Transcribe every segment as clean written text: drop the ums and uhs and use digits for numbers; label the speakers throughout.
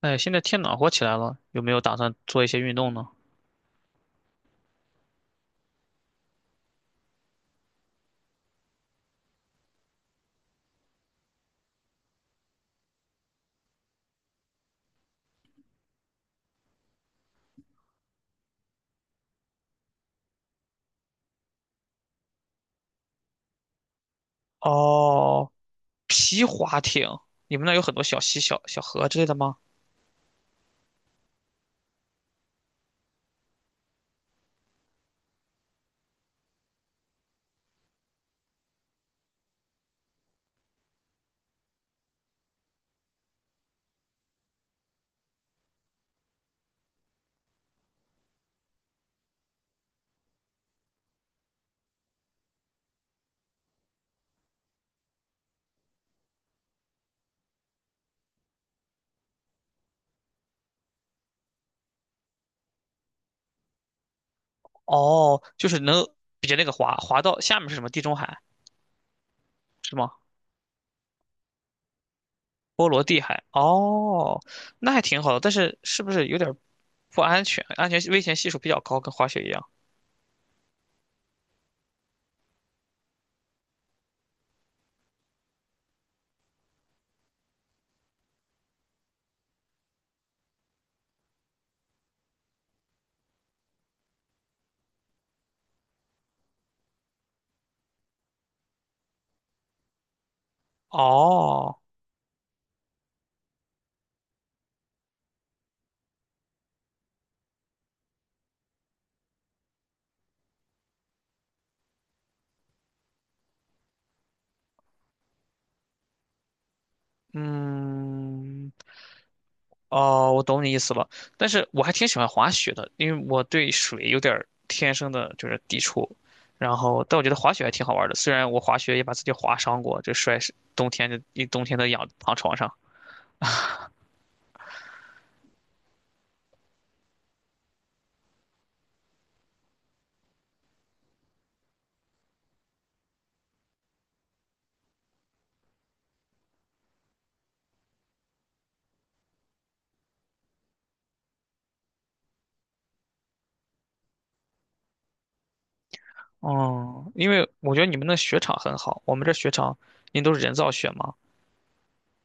Speaker 1: 哎，现在天暖和起来了，有没有打算做一些运动呢？哦，皮划艇，你们那儿有很多小溪、小河之类的吗？哦，就是能比那个滑到下面是什么？地中海是吗？波罗的海。哦，那还挺好的，但是是不是有点儿不安全？安全危险系数比较高，跟滑雪一样。哦，嗯，哦，我懂你意思了，但是我还挺喜欢滑雪的，因为我对水有点儿天生的就是抵触，然后但我觉得滑雪还挺好玩儿的，虽然我滑雪也把自己划伤过，就摔是冬天就一冬天都养躺床上。哦，因为我觉得你们那雪场很好，我们这雪场因为都是人造雪嘛，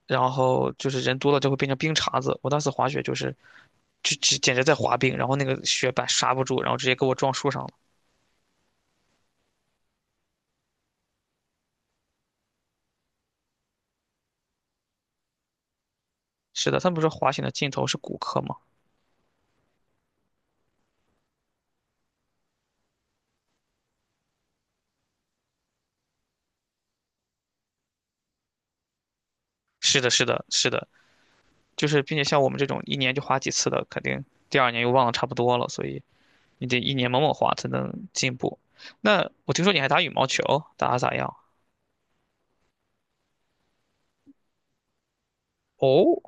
Speaker 1: 然后就是人多了就会变成冰碴子。我当时滑雪就是，就只简直在滑冰，然后那个雪板刹不住，然后直接给我撞树上了。是的，他们不是说滑雪的尽头是骨科吗？是的，是的，是的，就是并且像我们这种一年就花几次的，肯定第二年又忘了差不多了，所以你得一年猛猛花才能进步。那我听说你还打羽毛球，打得咋样？哦，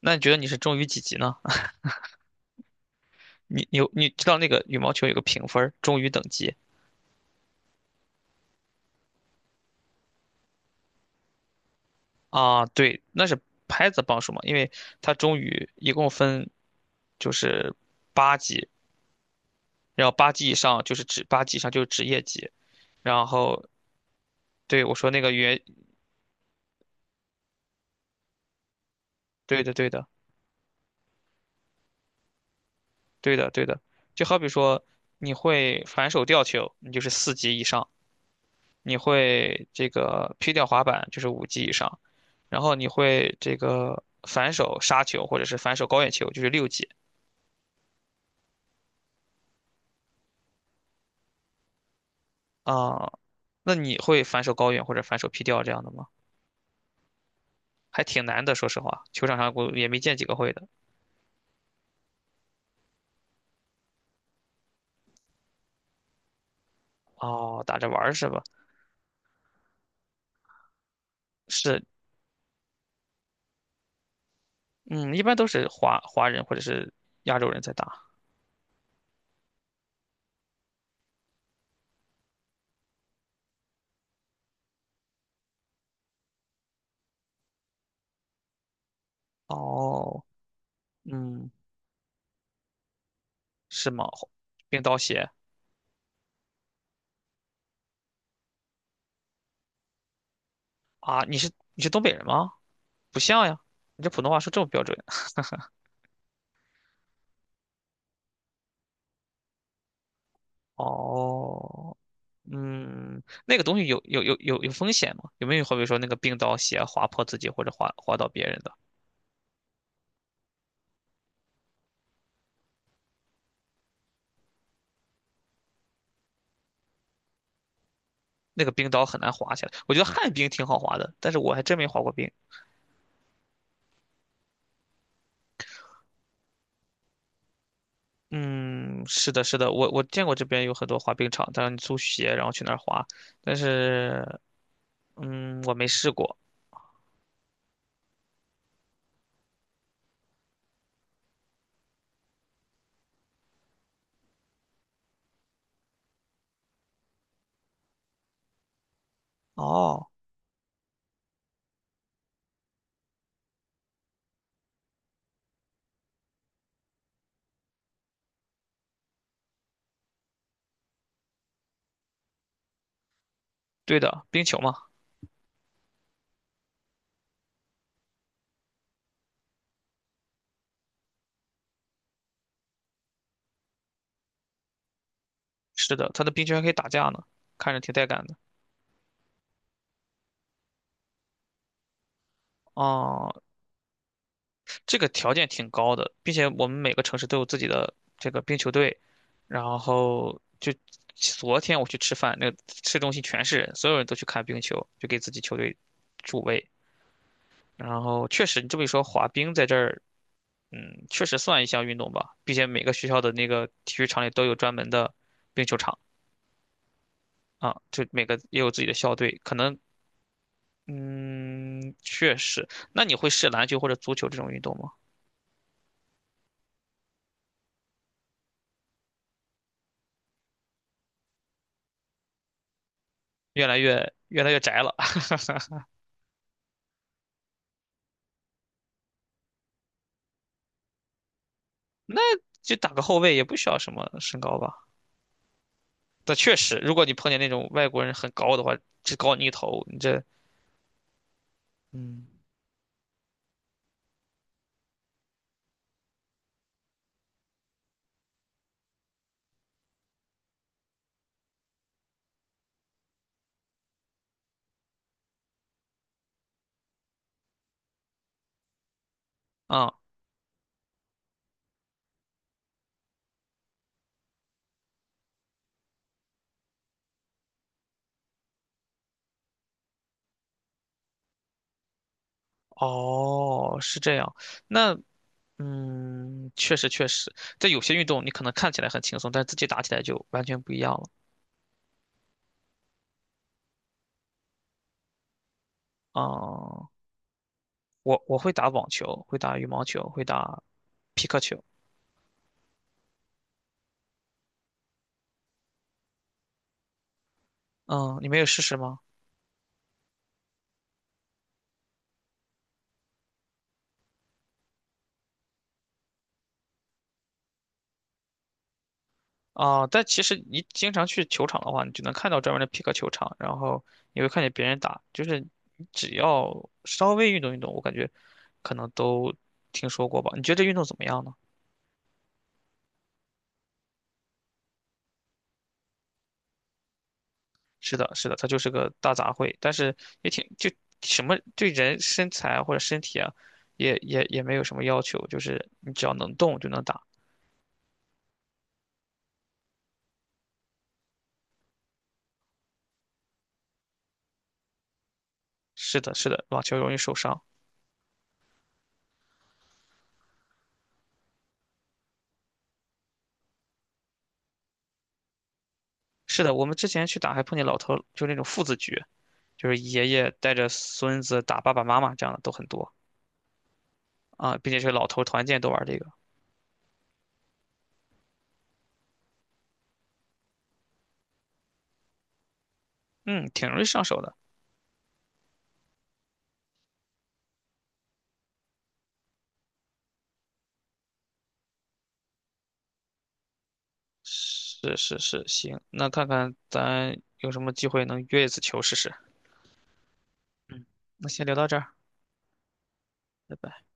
Speaker 1: 那你觉得你是中于几级呢？你知道那个羽毛球有个评分儿，中于等级啊？对，那是拍子磅数嘛，因为它中于一共分就是八级，然后八级以上就是职业级，然后对我说那个对的对的。对的，对的。就好比说，你会反手吊球，你就是四级以上；你会这个劈吊滑板，就是五级以上；然后你会这个反手杀球或者是反手高远球，就是六级啊。那你会反手高远或者反手劈吊这样的吗？还挺难的，说实话，球场上我也没见几个会的。哦，打着玩儿是吧？是，嗯，一般都是华人或者是亚洲人在打。哦，嗯，是吗？冰刀鞋。啊，你是东北人吗？不像呀，你这普通话说这么标准。哦，嗯，那个东西有风险吗？有没有好比说那个冰刀鞋划破自己或者划到别人的？那个冰刀很难滑下来。我觉得旱冰挺好滑的，但是我还真没滑过冰。嗯，是的，是的，我见过这边有很多滑冰场，但是你租鞋然后去那儿滑，但是嗯，我没试过。哦，对的，冰球嘛，是的，他的冰球还可以打架呢，看着挺带感的。哦，这个条件挺高的，并且我们每个城市都有自己的这个冰球队，然后就昨天我去吃饭，那个市中心全是人，所有人都去看冰球，就给自己球队助威。然后确实，你这么一说，滑冰在这儿，嗯，确实算一项运动吧，并且每个学校的那个体育场里都有专门的冰球场啊，就每个也有自己的校队，可能，嗯，确实。那你会试篮球或者足球这种运动吗？越来越宅了。就打个后卫也不需要什么身高吧。但确实，如果你碰见那种外国人很高的话，只高你一头，你这，嗯，啊、哦，是这样。那，嗯，确实，在有些运动你可能看起来很轻松，但自己打起来就完全不一样了。啊、我会打网球，会打羽毛球，会打皮克球。嗯，你没有试试吗？啊，但其实你经常去球场的话，你就能看到专门的匹克球场，然后你会看见别人打，就是你只要稍微运动运动，我感觉可能都听说过吧？你觉得这运动怎么样呢？是的，是的，它就是个大杂烩，但是也挺就什么对人身材或者身体啊，也没有什么要求，就是你只要能动就能打。是的，是的，网球容易受伤。是的，我们之前去打还碰见老头儿，就那种父子局，就是爷爷带着孙子打爸爸妈妈这样的都很多。啊，并且是老头团建都玩这个，嗯，挺容易上手的。是是是，行，那看看咱有什么机会能约一次球试试。嗯，那先聊到这儿，拜拜。